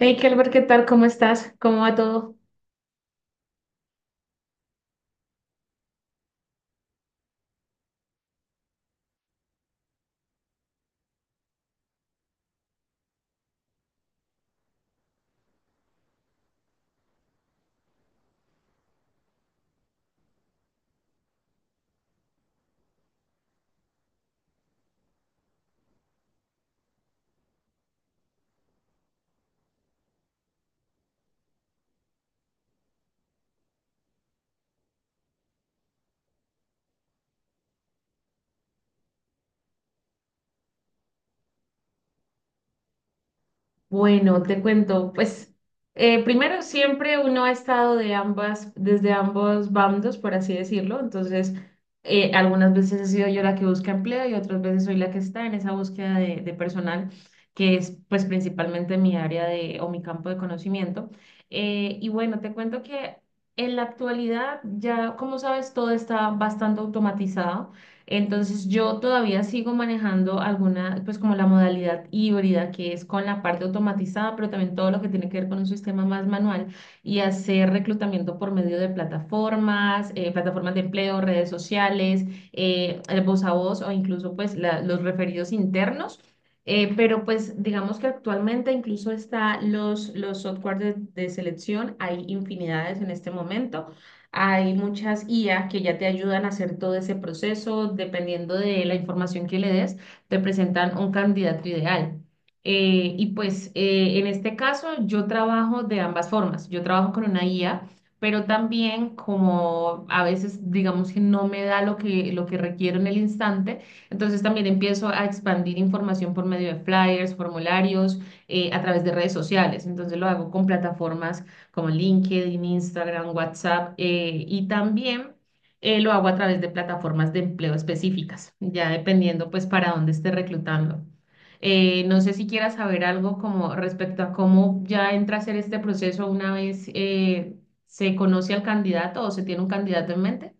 Hey, Kelber, ¿qué tal? ¿Cómo estás? ¿Cómo va todo? Bueno, te cuento, pues primero siempre uno ha estado de ambas, desde ambos bandos, por así decirlo. Entonces algunas veces he sido yo la que busca empleo y otras veces soy la que está en esa búsqueda de personal, que es pues principalmente mi área de, o mi campo de conocimiento. Y bueno, te cuento que en la actualidad ya, como sabes, todo está bastante automatizado. Entonces yo todavía sigo manejando alguna, pues como la modalidad híbrida, que es con la parte automatizada, pero también todo lo que tiene que ver con un sistema más manual y hacer reclutamiento por medio de plataformas, plataformas de empleo, redes sociales, el voz a voz o incluso pues los referidos internos. Pero pues digamos que actualmente incluso está los software de selección, hay infinidades en este momento. Hay muchas IA que ya te ayudan a hacer todo ese proceso. Dependiendo de la información que le des, te presentan un candidato ideal. En este caso yo trabajo de ambas formas. Yo trabajo con una IA, pero también como a veces digamos que no me da lo que requiero en el instante. Entonces también empiezo a expandir información por medio de flyers, formularios, a través de redes sociales. Entonces lo hago con plataformas como LinkedIn, Instagram, WhatsApp, y también lo hago a través de plataformas de empleo específicas, ya dependiendo pues para dónde esté reclutando. No sé si quieras saber algo como respecto a cómo ya entra a ser este proceso una vez se conoce al candidato o se tiene un candidato en mente.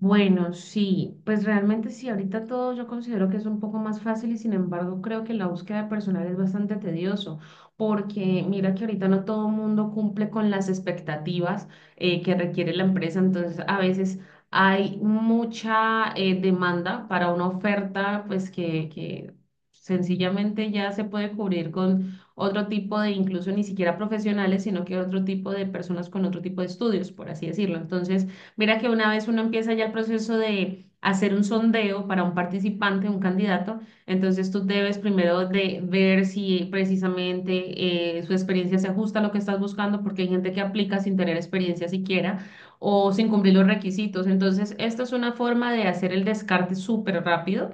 Bueno, sí, pues realmente sí, ahorita todo yo considero que es un poco más fácil y sin embargo creo que la búsqueda de personal es bastante tedioso, porque mira que ahorita no todo el mundo cumple con las expectativas que requiere la empresa. Entonces a veces hay mucha demanda para una oferta pues que sencillamente ya se puede cubrir con otro tipo de, incluso ni siquiera profesionales, sino que otro tipo de personas con otro tipo de estudios, por así decirlo. Entonces... Mira que una vez uno empieza ya el proceso de hacer un sondeo para un participante, un candidato, entonces tú debes primero de ver si precisamente su experiencia se ajusta a lo que estás buscando, porque hay gente que aplica sin tener experiencia siquiera o sin cumplir los requisitos. Entonces, esta es una forma de hacer el descarte súper rápido.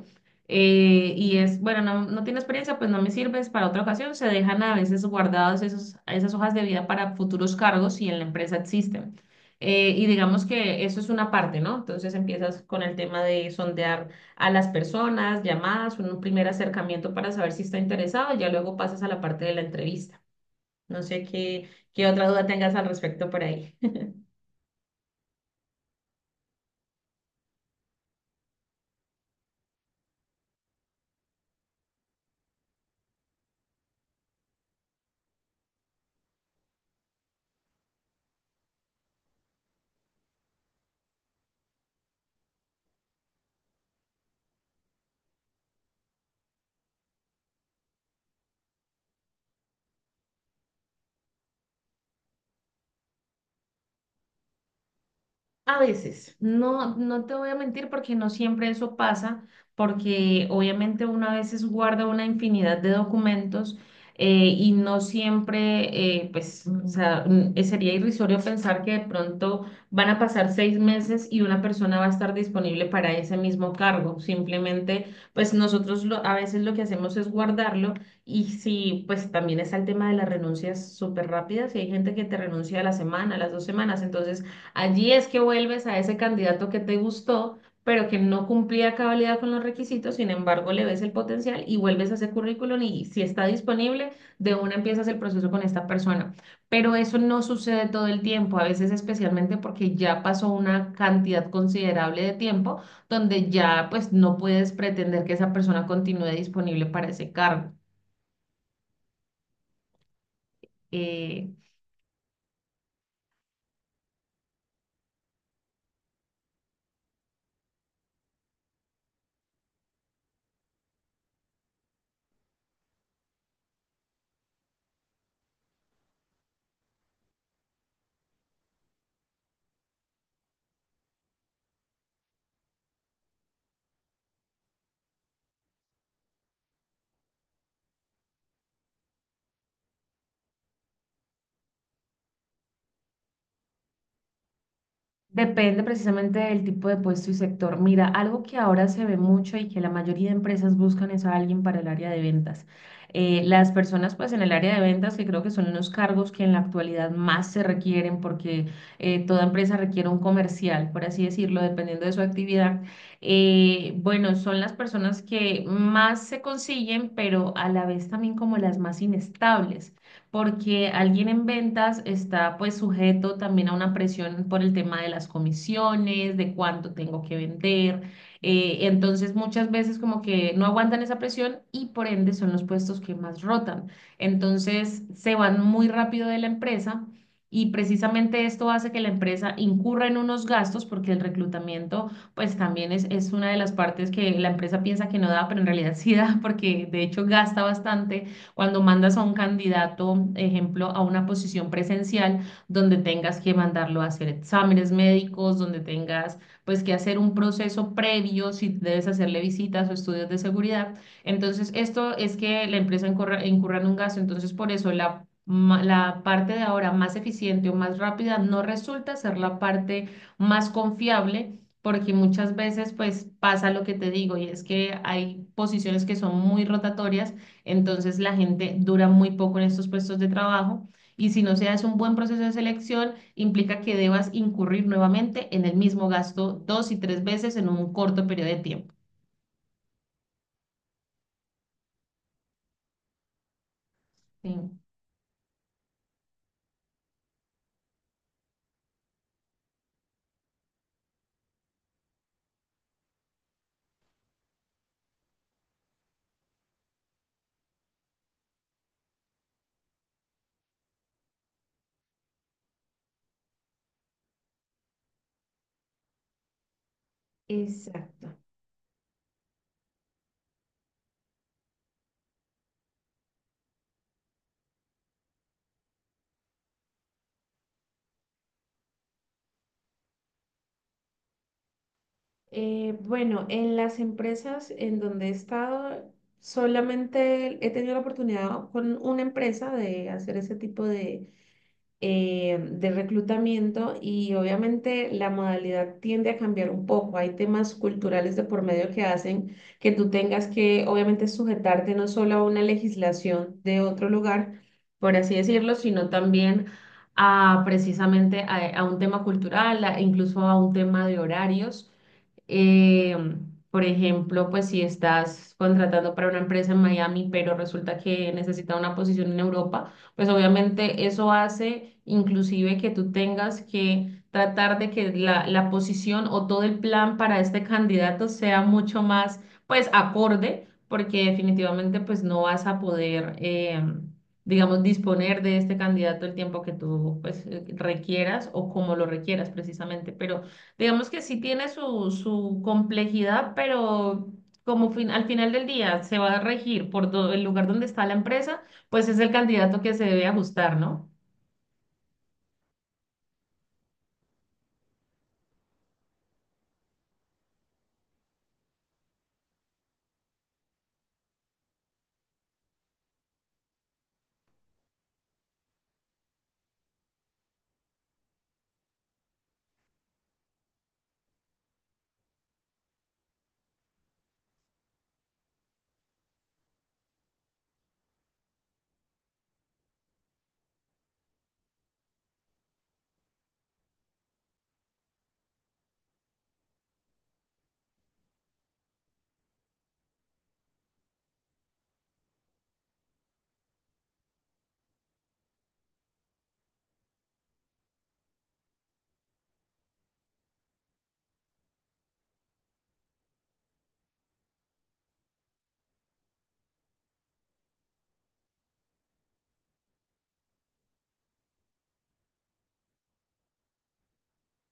Y es, bueno, no tiene experiencia, pues no me sirves para otra ocasión. Se dejan a veces guardados esas hojas de vida para futuros cargos si en la empresa existen. Y digamos que eso es una parte, ¿no? Entonces empiezas con el tema de sondear a las personas, llamadas, un primer acercamiento para saber si está interesado, y ya luego pasas a la parte de la entrevista. No sé qué otra duda tengas al respecto por ahí. A veces, no, no te voy a mentir porque no siempre eso pasa, porque obviamente uno a veces guarda una infinidad de documentos eh, y no siempre, sería irrisorio pensar que de pronto van a pasar seis meses y una persona va a estar disponible para ese mismo cargo. Simplemente, pues nosotros a veces lo que hacemos es guardarlo, y si, pues también está el tema de las renuncias súper rápidas y hay gente que te renuncia a la semana, a las dos semanas, entonces... Allí es que vuelves a ese candidato que te gustó, pero que no cumplía a cabalidad con los requisitos. Sin embargo, le ves el potencial y vuelves a ese currículum, y si está disponible, de una empiezas el proceso con esta persona. Pero eso no sucede todo el tiempo, a veces especialmente porque ya pasó una cantidad considerable de tiempo donde ya pues no puedes pretender que esa persona continúe disponible para ese cargo. Eh, Depende precisamente del tipo de puesto y sector. Mira, algo que ahora se ve mucho y que la mayoría de empresas buscan es a alguien para el área de ventas. Las personas pues en el área de ventas, que creo que son unos cargos que en la actualidad más se requieren, porque toda empresa requiere un comercial, por así decirlo, dependiendo de su actividad. Bueno, son las personas que más se consiguen, pero a la vez también como las más inestables, porque alguien en ventas está pues sujeto también a una presión por el tema de las comisiones, de cuánto tengo que vender. Entonces muchas veces como que no aguantan esa presión y por ende son los puestos que más rotan. Entonces se van muy rápido de la empresa. Y precisamente esto hace que la empresa incurra en unos gastos, porque el reclutamiento pues también es una de las partes que la empresa piensa que no da, pero en realidad sí da, porque de hecho gasta bastante cuando mandas a un candidato, ejemplo, a una posición presencial donde tengas que mandarlo a hacer exámenes médicos, donde tengas pues que hacer un proceso previo, si debes hacerle visitas o estudios de seguridad. Entonces, esto es que la empresa incurra en un gasto. Entonces, por eso la parte de ahora más eficiente o más rápida no resulta ser la parte más confiable. Porque muchas veces pues pasa lo que te digo, y es que hay posiciones que son muy rotatorias, entonces la gente dura muy poco en estos puestos de trabajo, y si no se hace un buen proceso de selección, implica que debas incurrir nuevamente en el mismo gasto dos y tres veces en un corto periodo de tiempo. Sí. Exacto. Bueno, en las empresas en donde he estado, solamente he tenido la oportunidad con una empresa de hacer ese tipo de reclutamiento, y obviamente la modalidad tiende a cambiar un poco. Hay temas culturales de por medio que hacen que tú tengas que obviamente sujetarte no solo a una legislación de otro lugar, por así decirlo, sino también a precisamente a un tema cultural, incluso a un tema de horarios. Eh, por ejemplo, pues si estás contratando para una empresa en Miami, pero resulta que necesita una posición en Europa, pues obviamente eso hace inclusive que tú tengas que tratar de que la posición o todo el plan para este candidato sea mucho más, pues, acorde, porque definitivamente, pues, no vas a poder, digamos, disponer de este candidato el tiempo que tú, pues, requieras o como lo requieras precisamente, pero... Digamos que sí tiene su complejidad, pero como al final del día se va a regir por el lugar donde está la empresa, pues es el candidato que se debe ajustar, ¿no?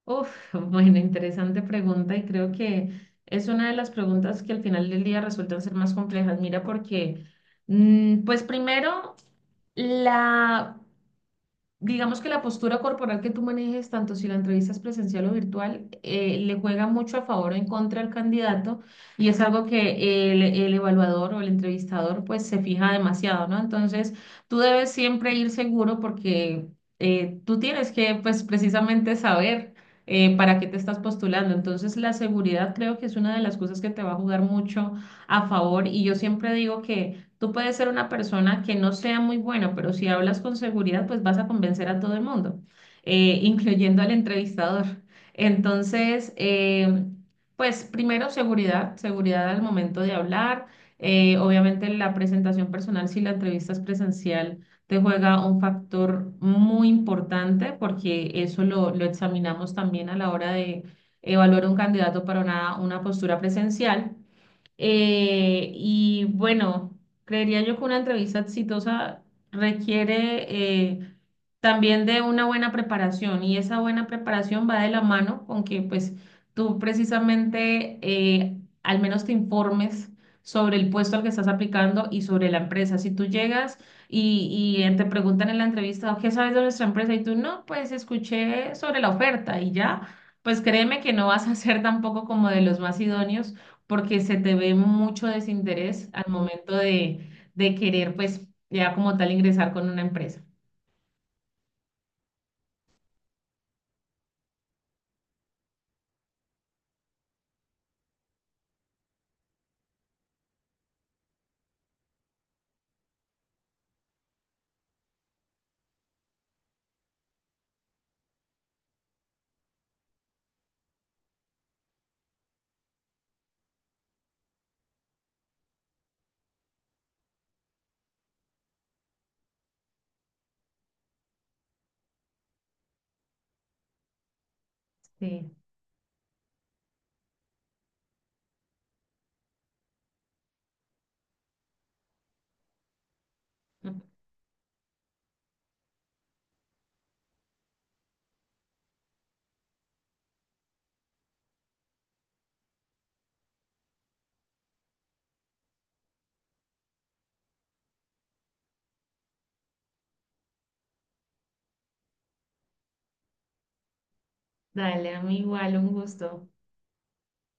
Uf, bueno, interesante pregunta, y creo que es una de las preguntas que al final del día resultan ser más complejas. Mira, porque, mm, pues primero, la digamos que la postura corporal que tú manejes, tanto si la entrevista es presencial o virtual, le juega mucho a favor o en contra al candidato, y es algo que el evaluador o el entrevistador pues se fija demasiado, ¿no? Entonces, tú debes siempre ir seguro, porque tú tienes que pues precisamente saber para qué te estás postulando. Entonces, la seguridad creo que es una de las cosas que te va a jugar mucho a favor, y yo siempre digo que tú puedes ser una persona que no sea muy buena, pero si hablas con seguridad, pues vas a convencer a todo el mundo, incluyendo al entrevistador. Entonces, pues primero seguridad, seguridad al momento de hablar. Obviamente la presentación personal, si la entrevista es presencial, te juega un factor muy importante, porque eso lo examinamos también a la hora de evaluar un candidato para una postura presencial. Y bueno, creería yo que una entrevista exitosa requiere eh, también de una buena preparación, y esa buena preparación va de la mano con que pues tú precisamente al menos te informes sobre el puesto al que estás aplicando y sobre la empresa. Si tú llegas y te preguntan en la entrevista, ¿qué sabes de nuestra empresa? Y tú no, pues escuché sobre la oferta y ya, pues créeme que no vas a ser tampoco como de los más idóneos, porque se te ve mucho desinterés al momento de querer, pues, ya como tal ingresar con una empresa. Sí. Dale, a mí igual, un gusto.